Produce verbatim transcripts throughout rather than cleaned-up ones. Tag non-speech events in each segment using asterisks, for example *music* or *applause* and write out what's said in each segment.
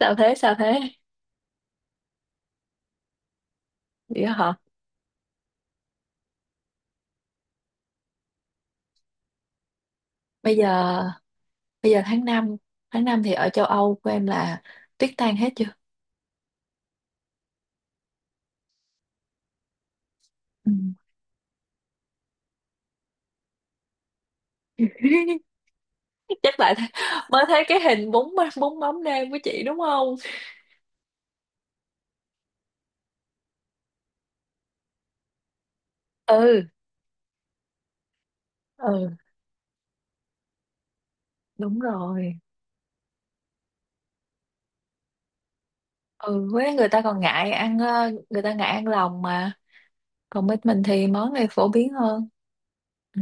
sao thế sao thế Vậy đó hả? bây giờ Bây giờ tháng năm, tháng năm thì ở châu Âu của em là tuyết tan hết chưa? Ừ. *laughs* Chắc lại th- mới thấy cái hình bún bún mắm nêm của chị đúng không? Ừ. Ừ, đúng rồi. Ừ, với người ta còn ngại ăn ờ, người ta ngại ăn lòng mà. Còn bên mình thì món này phổ biến hơn. Ừ.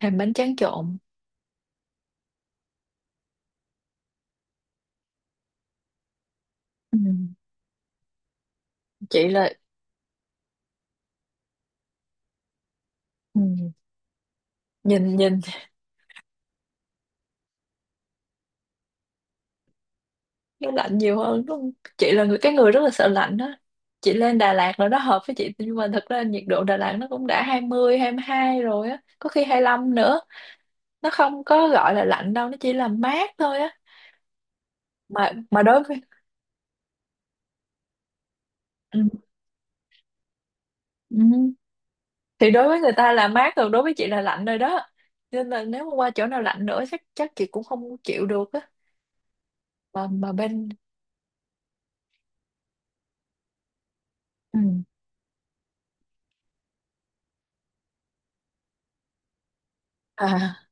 Thêm bánh tráng trộn. Ừ. Chị là. Ừ. nhìn nhìn nó lạnh nhiều hơn đúng không? Chị là người cái người rất là sợ lạnh đó. Chị lên Đà Lạt là nó hợp với chị, nhưng mà thật ra nhiệt độ Đà Lạt nó cũng đã hai hai mươi hai mươi hai rồi á, có khi hai lăm nữa. Nó không có gọi là lạnh đâu, nó chỉ là mát thôi á. Mà mà đối với. ừ, ừ. Thì đối với người ta là mát rồi, đối với chị là lạnh rồi đó. Nên là nếu mà qua chỗ nào lạnh nữa, chắc chắc chị cũng không chịu được á. Mà mà bên. Ừ. À,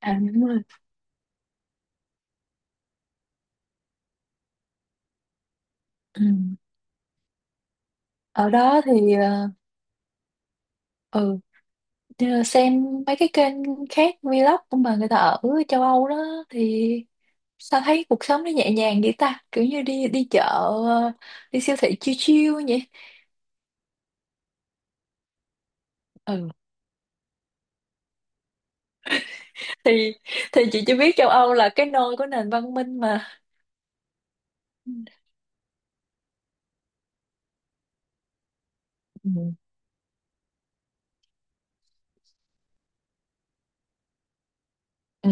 à đúng rồi. Ừ. Ở đó thì ờ, ừ, nhờ xem mấy cái kênh khác, vlog của mà người ta ở châu Âu đó, thì sao thấy cuộc sống nó nhẹ nhàng vậy ta, kiểu như đi đi chợ, ờ, đi siêu thị chill chill vậy. Ừ, thì thì chị chỉ biết châu Âu là cái nôi của nền văn minh mà. Ừ, ừ,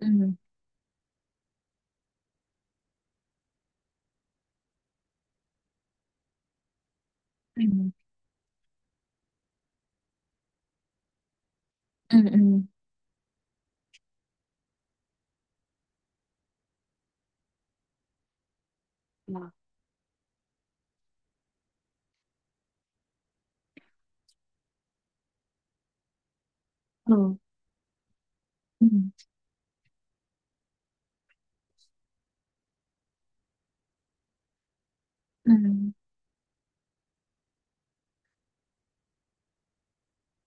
ừ. Ừ, ừ, ừ. Ừ, ừ, ừ, ừ.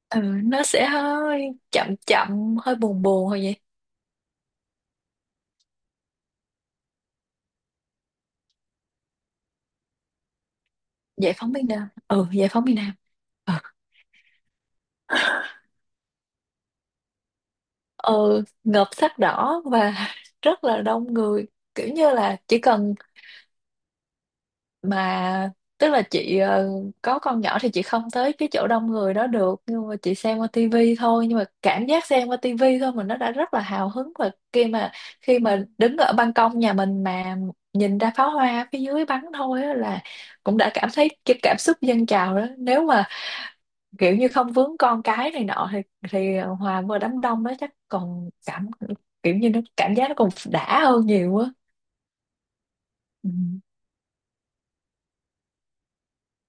Ừ, nó sẽ hơi chậm chậm hơi buồn buồn thôi vậy. Giải phóng miền Nam, ừ, giải phóng miền Nam. Ừ, ừ, ngợp sắc đỏ và *laughs* rất là đông người. Kiểu như là chỉ cần, mà tức là chị, ờ, có con nhỏ thì chị không tới cái chỗ đông người đó được, nhưng mà chị xem qua tivi thôi, nhưng mà cảm giác xem qua tivi thôi mà nó đã rất là hào hứng, và khi mà, khi mà đứng ở ban công nhà mình mà nhìn ra pháo hoa phía dưới bắn thôi á, là cũng đã cảm thấy cái cảm xúc dâng trào đó. Nếu mà kiểu như không vướng con cái này nọ thì thì hòa vừa đám đông đó chắc còn cảm, kiểu như nó cảm giác nó còn đã hơn nhiều á. Ừ.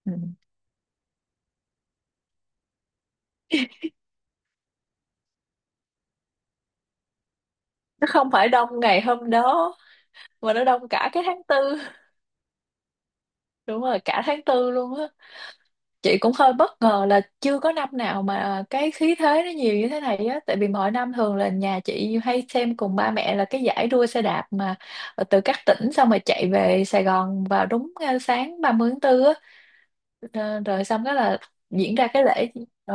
Ừ. Nó không phải đông ngày hôm đó mà nó đông cả cái tháng tư. Đúng rồi, cả tháng tư luôn á. Chị cũng hơi bất ngờ là chưa có năm nào mà cái khí thế nó nhiều như thế này á, tại vì mọi năm thường là nhà chị hay xem cùng ba mẹ là cái giải đua xe đạp mà ờ, từ các tỉnh, xong rồi chạy về Sài Gòn vào đúng ờ, sáng ba mươi tháng tư. Ờ, rồi xong đó là diễn ra cái lễ. Ừ,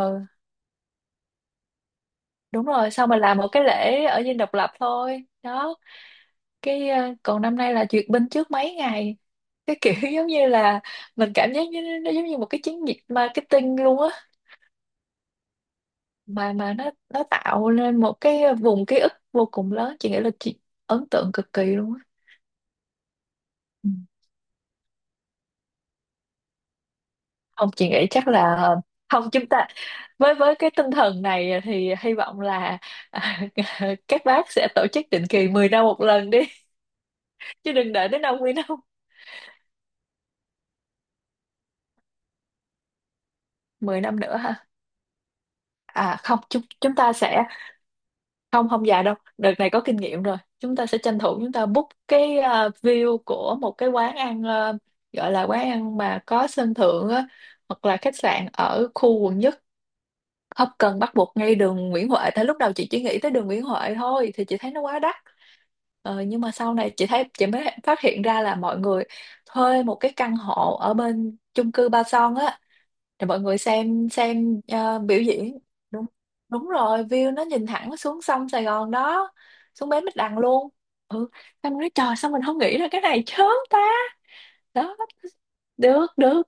đúng rồi, xong rồi làm một cái lễ ở Dinh Độc Lập thôi đó. Cái ờ, còn năm nay là duyệt binh trước mấy ngày, cái kiểu *laughs* giống như là mình cảm giác như nó giống như một cái chiến dịch marketing luôn á. Mà mà nó nó tạo nên một cái vùng ký ức vô cùng lớn. Chị nghĩ là chị ấn tượng cực kỳ luôn á. Ừ. Không, chị nghĩ chắc là, không, chúng ta, với với cái tinh thần này thì hy vọng là *laughs* các bác sẽ tổ chức định kỳ mười năm một lần đi, chứ đừng đợi tới năm mươi năm. *laughs* Mười năm nữa ha. À không, chúng chúng ta sẽ, không không già đâu, đợt này có kinh nghiệm rồi. Chúng ta sẽ tranh thủ, chúng ta book cái à, view của một cái quán ăn, à, gọi là quán ăn mà có sân thượng á, hoặc là khách sạn ở khu quận nhất. Không cần bắt buộc ngay đường Nguyễn Huệ, tại lúc đầu chị chỉ nghĩ tới đường Nguyễn Huệ thôi, thì chị thấy nó quá đắt. Ờ, nhưng mà sau này chị thấy, chị mới phát hiện ra là mọi người thuê một cái căn hộ ở bên chung cư Ba Son á, để mọi người xem xem ờ, biểu diễn. Đúng Đúng rồi, view nó nhìn thẳng xuống sông Sài Gòn đó, xuống bến Bạch Đằng luôn. Ừ, em nói trời sao mình không nghĩ ra cái này chớm ta. Đó. Được, được.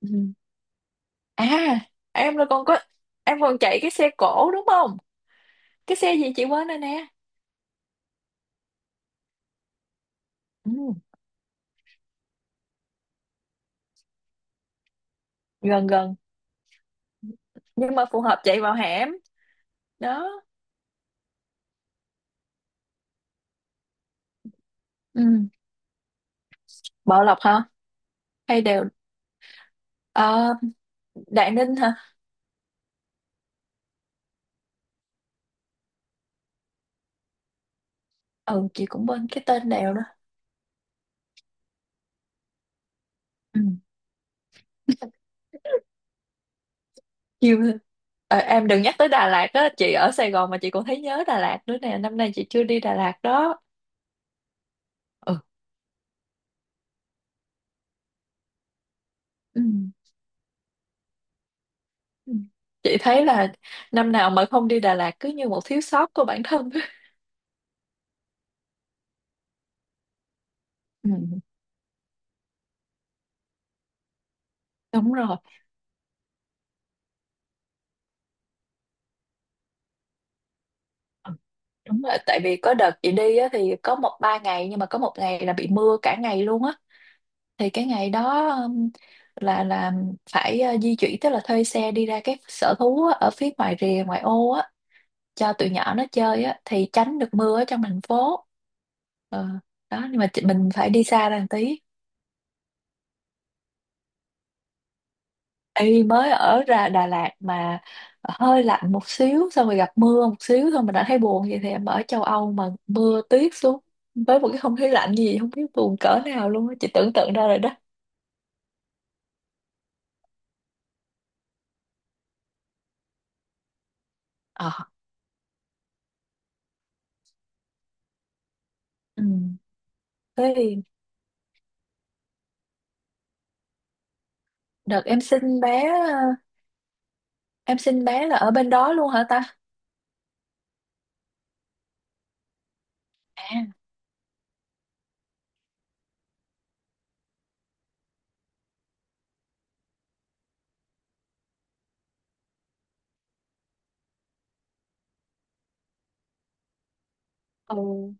Ừ. À, em rồi còn có, em còn chạy cái xe cổ đúng không? Cái xe gì chị quên rồi nè. Ừ. Gần gần, nhưng mà phù hợp chạy vào hẻm. Đó. Ừ. Bảo Lộc hả? Hay đều. Ờ, Đại Ninh hả? Ừ, chị cũng quên cái tên đèo đó. Ừ. Chiêu thôi. Ờ, em đừng nhắc tới Đà Lạt á, chị ở Sài Gòn mà chị còn thấy nhớ Đà Lạt nữa nè, năm nay chị chưa đi Đà Lạt đó. Ừ. Ừ. Ừ. Chị thấy là năm nào mà không đi Đà Lạt cứ như một thiếu sót của bản thân. *laughs* Ừ. Đúng rồi. Ừ, đúng rồi, tại vì có đợt chị đi á, thì có một ba ngày nhưng mà có một ngày là bị mưa cả ngày luôn á, thì cái ngày đó um, là là phải uh, di chuyển, tức là thuê xe đi ra các sở thú á, ở phía ngoài rìa ngoại ô á, cho tụi nhỏ nó chơi á, thì tránh được mưa ở trong thành phố. Ờ, đó, nhưng mà chị, mình phải đi xa ra một tí y mới ở ra Đà Lạt mà. Hơi lạnh một xíu, xong rồi gặp mưa một xíu thôi mình đã thấy buồn vậy, thì em ở châu Âu mà mưa tuyết xuống với một cái không khí lạnh như vậy, không biết buồn cỡ nào luôn á, chị tưởng tượng ra rồi đó. Ờ, ừ. Thế thì đợt em sinh bé ờ, em sinh bé là ở bên đó luôn hả ta? À. Ừ.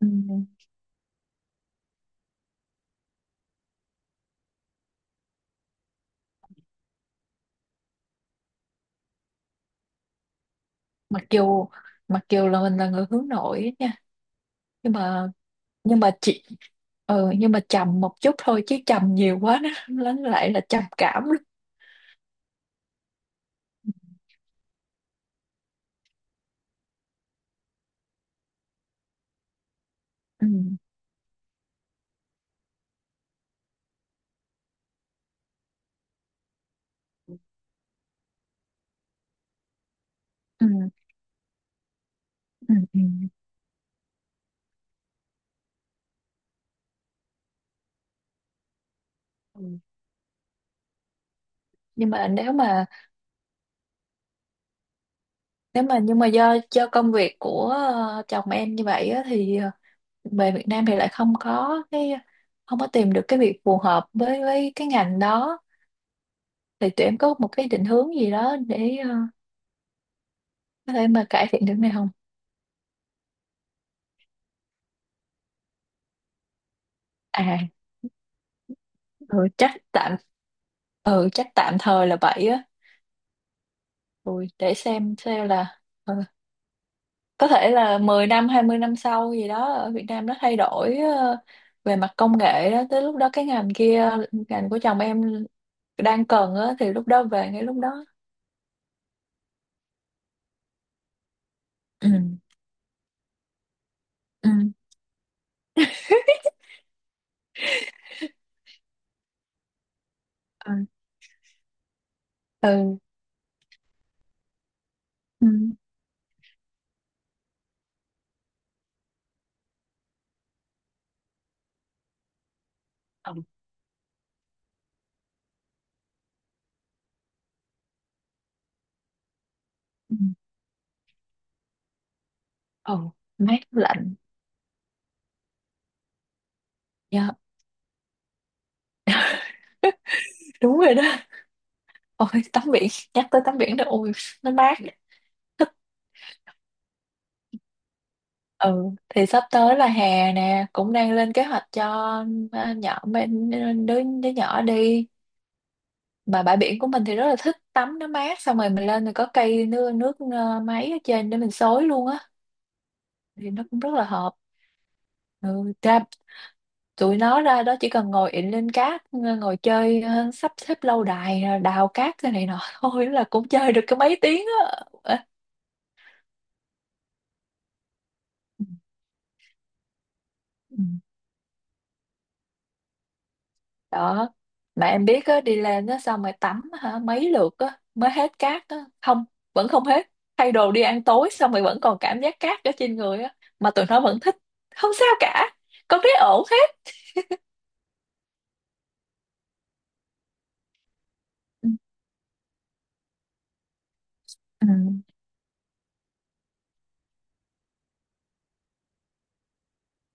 Ừ. Mặc dù, mặc dù là mình là người hướng nội á nha, nhưng mà, nhưng mà chị, ừ, nhưng mà trầm một chút thôi, chứ trầm nhiều quá nó nó lại là trầm cảm luôn. Ừ, ừ, ừ, ừ. Ừ. Nhưng mà nếu mà, nếu mà nhưng mà do do công việc của ờ, chồng em như vậy á, thì ờ, về Việt Nam thì lại không có cái, không có tìm được cái việc phù hợp với với cái ngành đó, thì tụi em có một cái định hướng gì đó để ờ, có thể mà cải thiện được này không? À, ừ, chắc tạm ừ chắc tạm thời là vậy á. Rồi để xem xem là, ờ, có thể là mười năm, hai mươi năm sau gì đó, ở Việt Nam nó thay đổi, ờ, về mặt công nghệ đó, tới lúc đó cái ngành kia, ngành của chồng em đang cần á, thì lúc đó về ngay lúc đó. Ừ, ừ, ừ, ừ, ừ, ừ, ừ. Ừ, mát lạnh. Dạ, đúng rồi đó. Ôi tắm biển, nhắc tới tắm biển đó, ôi nó mát, thích. Ừ, thì sắp tới là hè nè, cũng đang lên kế hoạch cho, à, nhỏ bên, đứa đứa nhỏ đi. Mà bãi biển của mình thì rất là thích tắm, nó mát, xong rồi mình lên thì có cây nước nước ờ, máy ở trên để mình xối luôn á, thì nó cũng rất là hợp. Ừ, ra, tụi nó ra đó chỉ cần ngồi ịn lên cát, ờ, ngồi chơi, ờ, sắp xếp lâu đài, đào cát cái này nọ *laughs* thôi là cũng chơi được cái mấy tiếng á. Ừ. Đó. Mà em biết á, đi lên á xong rồi tắm hả mấy lượt á mới hết cát á. Không, vẫn không hết, thay đồ đi ăn tối xong rồi vẫn còn cảm giác cát ở trên người á, mà tụi nó vẫn thích, không sao cả, con thấy ổn hết. Ừ, ừ,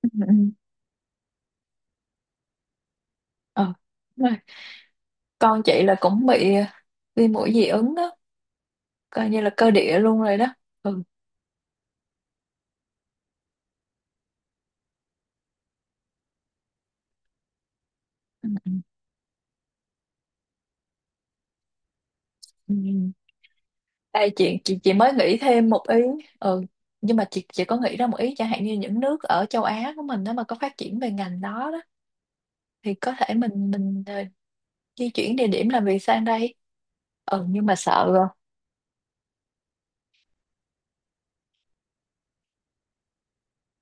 ừ, ừ. Ờ, đúng rồi. Con chị là cũng bị viêm mũi dị ứng á, coi như là cơ địa luôn rồi đó. Ừ, ừ, ừ, ừ. Đây chị, chị chị mới nghĩ thêm một ý. Ừ, nhưng mà chị chị có nghĩ ra một ý, chẳng hạn như những nước ở châu Á của mình đó mà có phát triển về ngành đó đó, thì có thể mình mình, ờ, di chuyển địa điểm làm việc sang đây. Ừ, nhưng mà sợ rồi.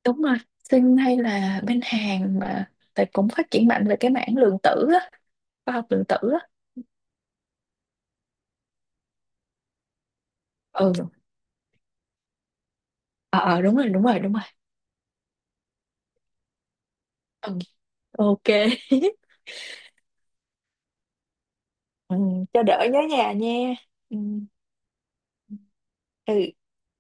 Đúng rồi. Sinh hay là bên Hàn, mà tại cũng phát triển mạnh về cái mảng lượng tử á, khoa học lượng tử á. Ừ. Ờ ờ, đúng rồi, đúng rồi, đúng rồi. Ừ, ok. *laughs* Ừ, cho đỡ nhớ nhà nha. Ừ. Ừ.